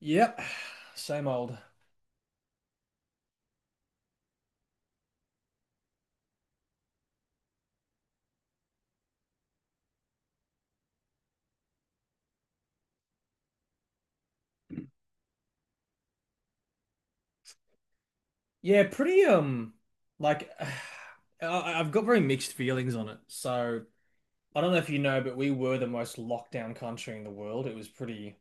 Yep, same old. Yeah, pretty like I've got very mixed feelings on it. So, I don't know if you know, but we were the most locked down country in the world. It was pretty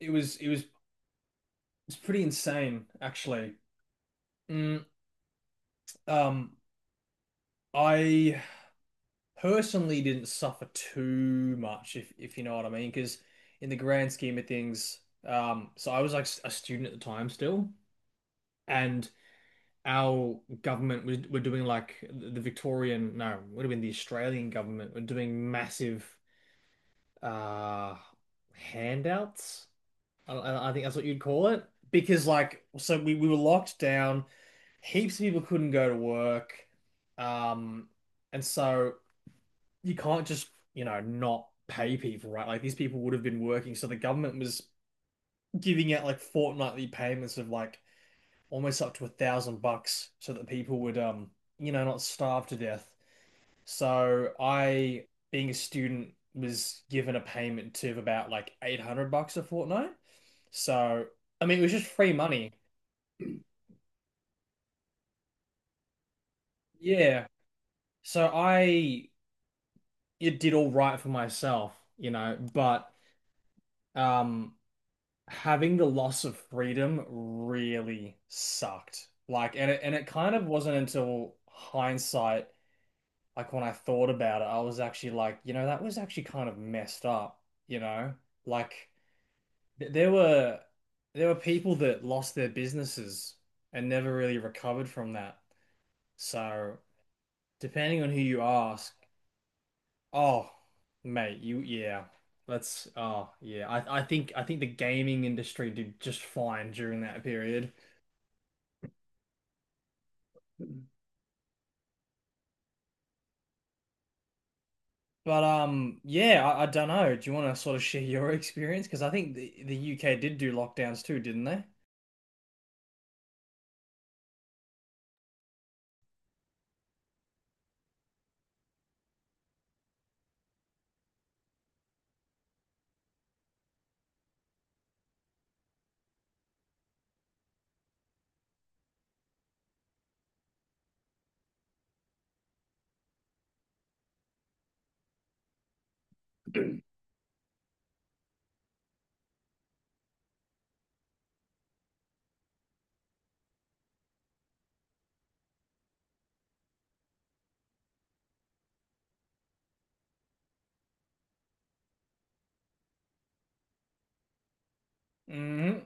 it was it was It was pretty insane actually. Mm, um I personally didn't suffer too much if you know what I mean because in the grand scheme of things so I was like a student at the time still, and our government was were doing like the Victorian, no, would have been the Australian government were doing massive uh handouts. I think that's what you'd call it. Because like so we were locked down, heaps of people couldn't go to work. Um and so you can't just, not pay people, right? Like these people would have been working, so the government was giving out like fortnightly payments of like almost up to $1,000 so that people would not starve to death. So I, being a student, was given a payment of about like $800 a fortnight. So I mean it was just free money. Yeah. So I it did all right for myself, you know, but um having the loss of freedom really sucked. Like and it kind of wasn't until hindsight, like when I thought about it, I was actually like, that was actually kind of messed up, you know? Like th there were people that lost their businesses and never really recovered from that. So, depending on who you ask, oh, mate, you yeah. Let's oh, yeah. I think the gaming industry did just fine during that period. But yeah, I don't know. Do you want to sort of share your experience? Because I think the UK did do lockdowns too, didn't they? Mm.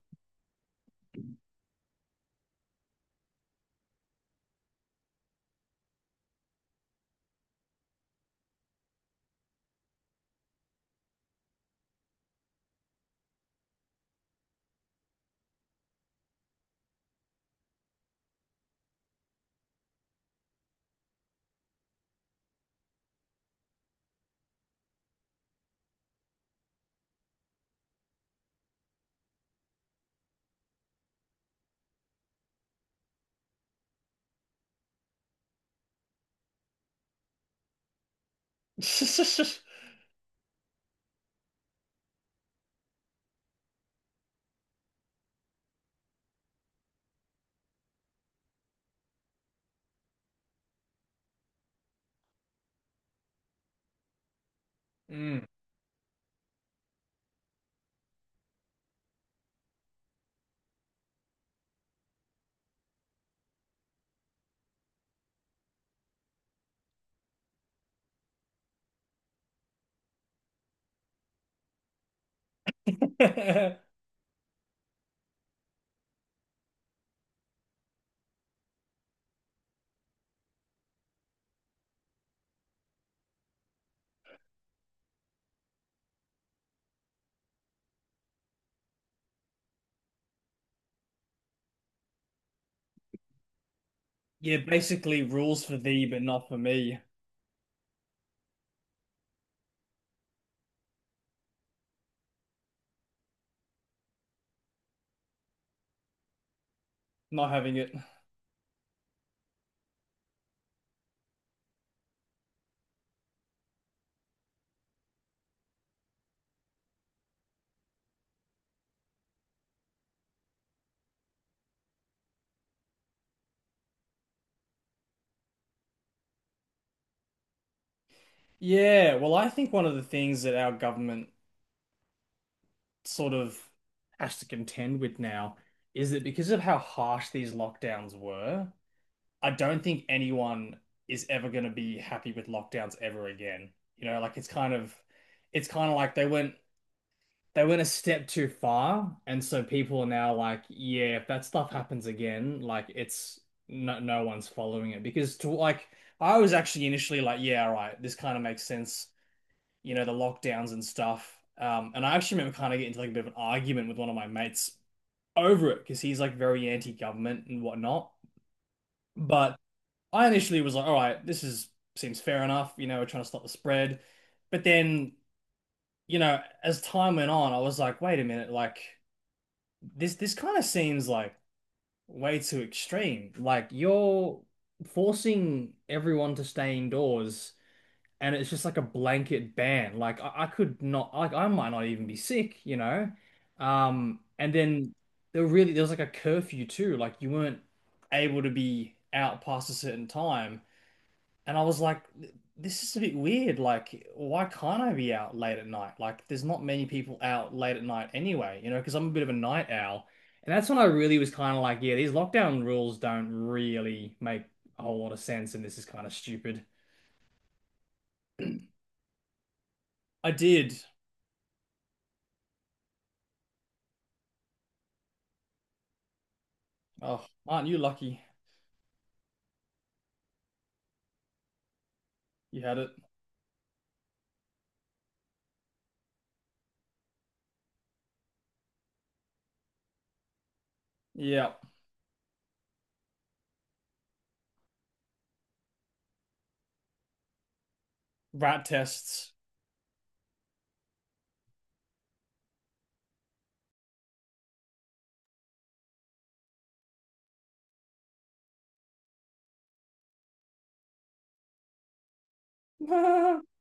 Mm. Yeah, basically rules for thee, but not for me. Not having it. Yeah, well, I think one of the things that our government sort of has to contend with now is that because of how harsh these lockdowns were, I don't think anyone is ever going to be happy with lockdowns ever again. You know, like it's kind of like they went a step too far, and so people are now like, yeah, if that stuff happens again, like it's no one's following it because to like I was actually initially like, yeah, all right, this kind of makes sense, you know, the lockdowns and stuff. And I actually remember kind of getting into like a bit of an argument with one of my mates over it because he's like very anti-government and whatnot. But I initially was like, all right, this is seems fair enough, you know, we're trying to stop the spread. But then, you know, as time went on, I was like, wait a minute, like this kind of seems like way too extreme. Like you're forcing everyone to stay indoors, and it's just like a blanket ban. Like I could not, like I might not even be sick, you know. And then there was like a curfew too. Like you weren't able to be out past a certain time. And I was like, this is a bit weird. Like, why can't I be out late at night? Like, there's not many people out late at night anyway, you know, because I'm a bit of a night owl. And that's when I really was kind of like, yeah, these lockdown rules don't really make a whole lot of sense, and this is kind of stupid. I did. Oh, aren't you lucky? You had it. Yeah. Rat tests.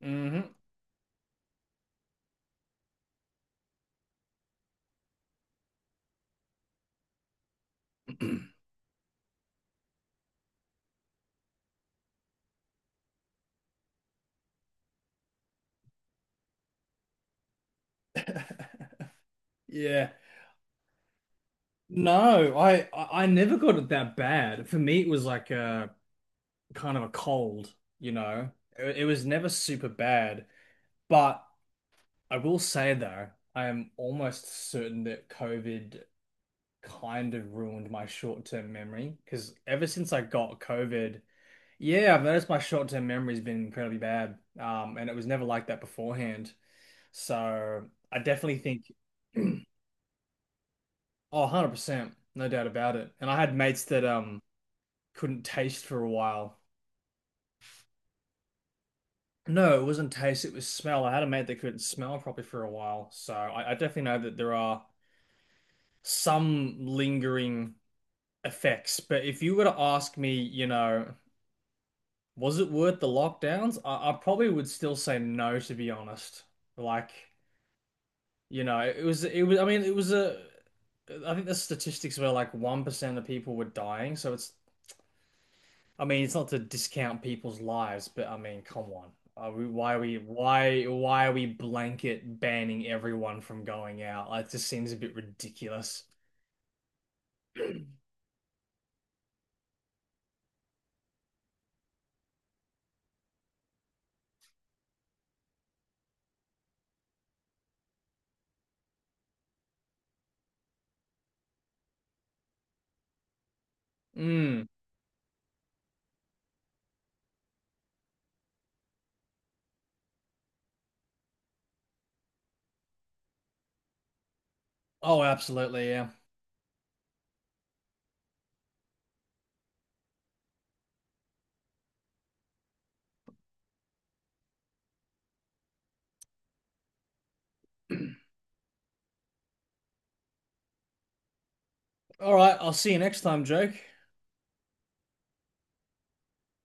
Hmm. Yeah. No, I never got it that bad. For me, it was like kind of a cold, you know. It was never super bad, but I will say though, I am almost certain that COVID kind of ruined my short-term memory because ever since I got COVID, yeah, I've noticed my short-term memory's been incredibly bad. And it was never like that beforehand. So I definitely think, oh, 100%, no doubt about it. And I had mates that couldn't taste for a while. No, it wasn't taste, it was smell. I had a mate that couldn't smell properly for a while. So I definitely know that there are some lingering effects. But if you were to ask me, was it worth the lockdowns? I probably would still say no, to be honest. Like, you know, it was, I mean, I think the statistics were like 1% of people were dying. So it's I mean, it's not to discount people's lives, but I mean, come on. Why are we blanket banning everyone from going out? Like, it just seems a bit ridiculous. Mm. Oh, absolutely, yeah. All right, I'll see you next time, Jake.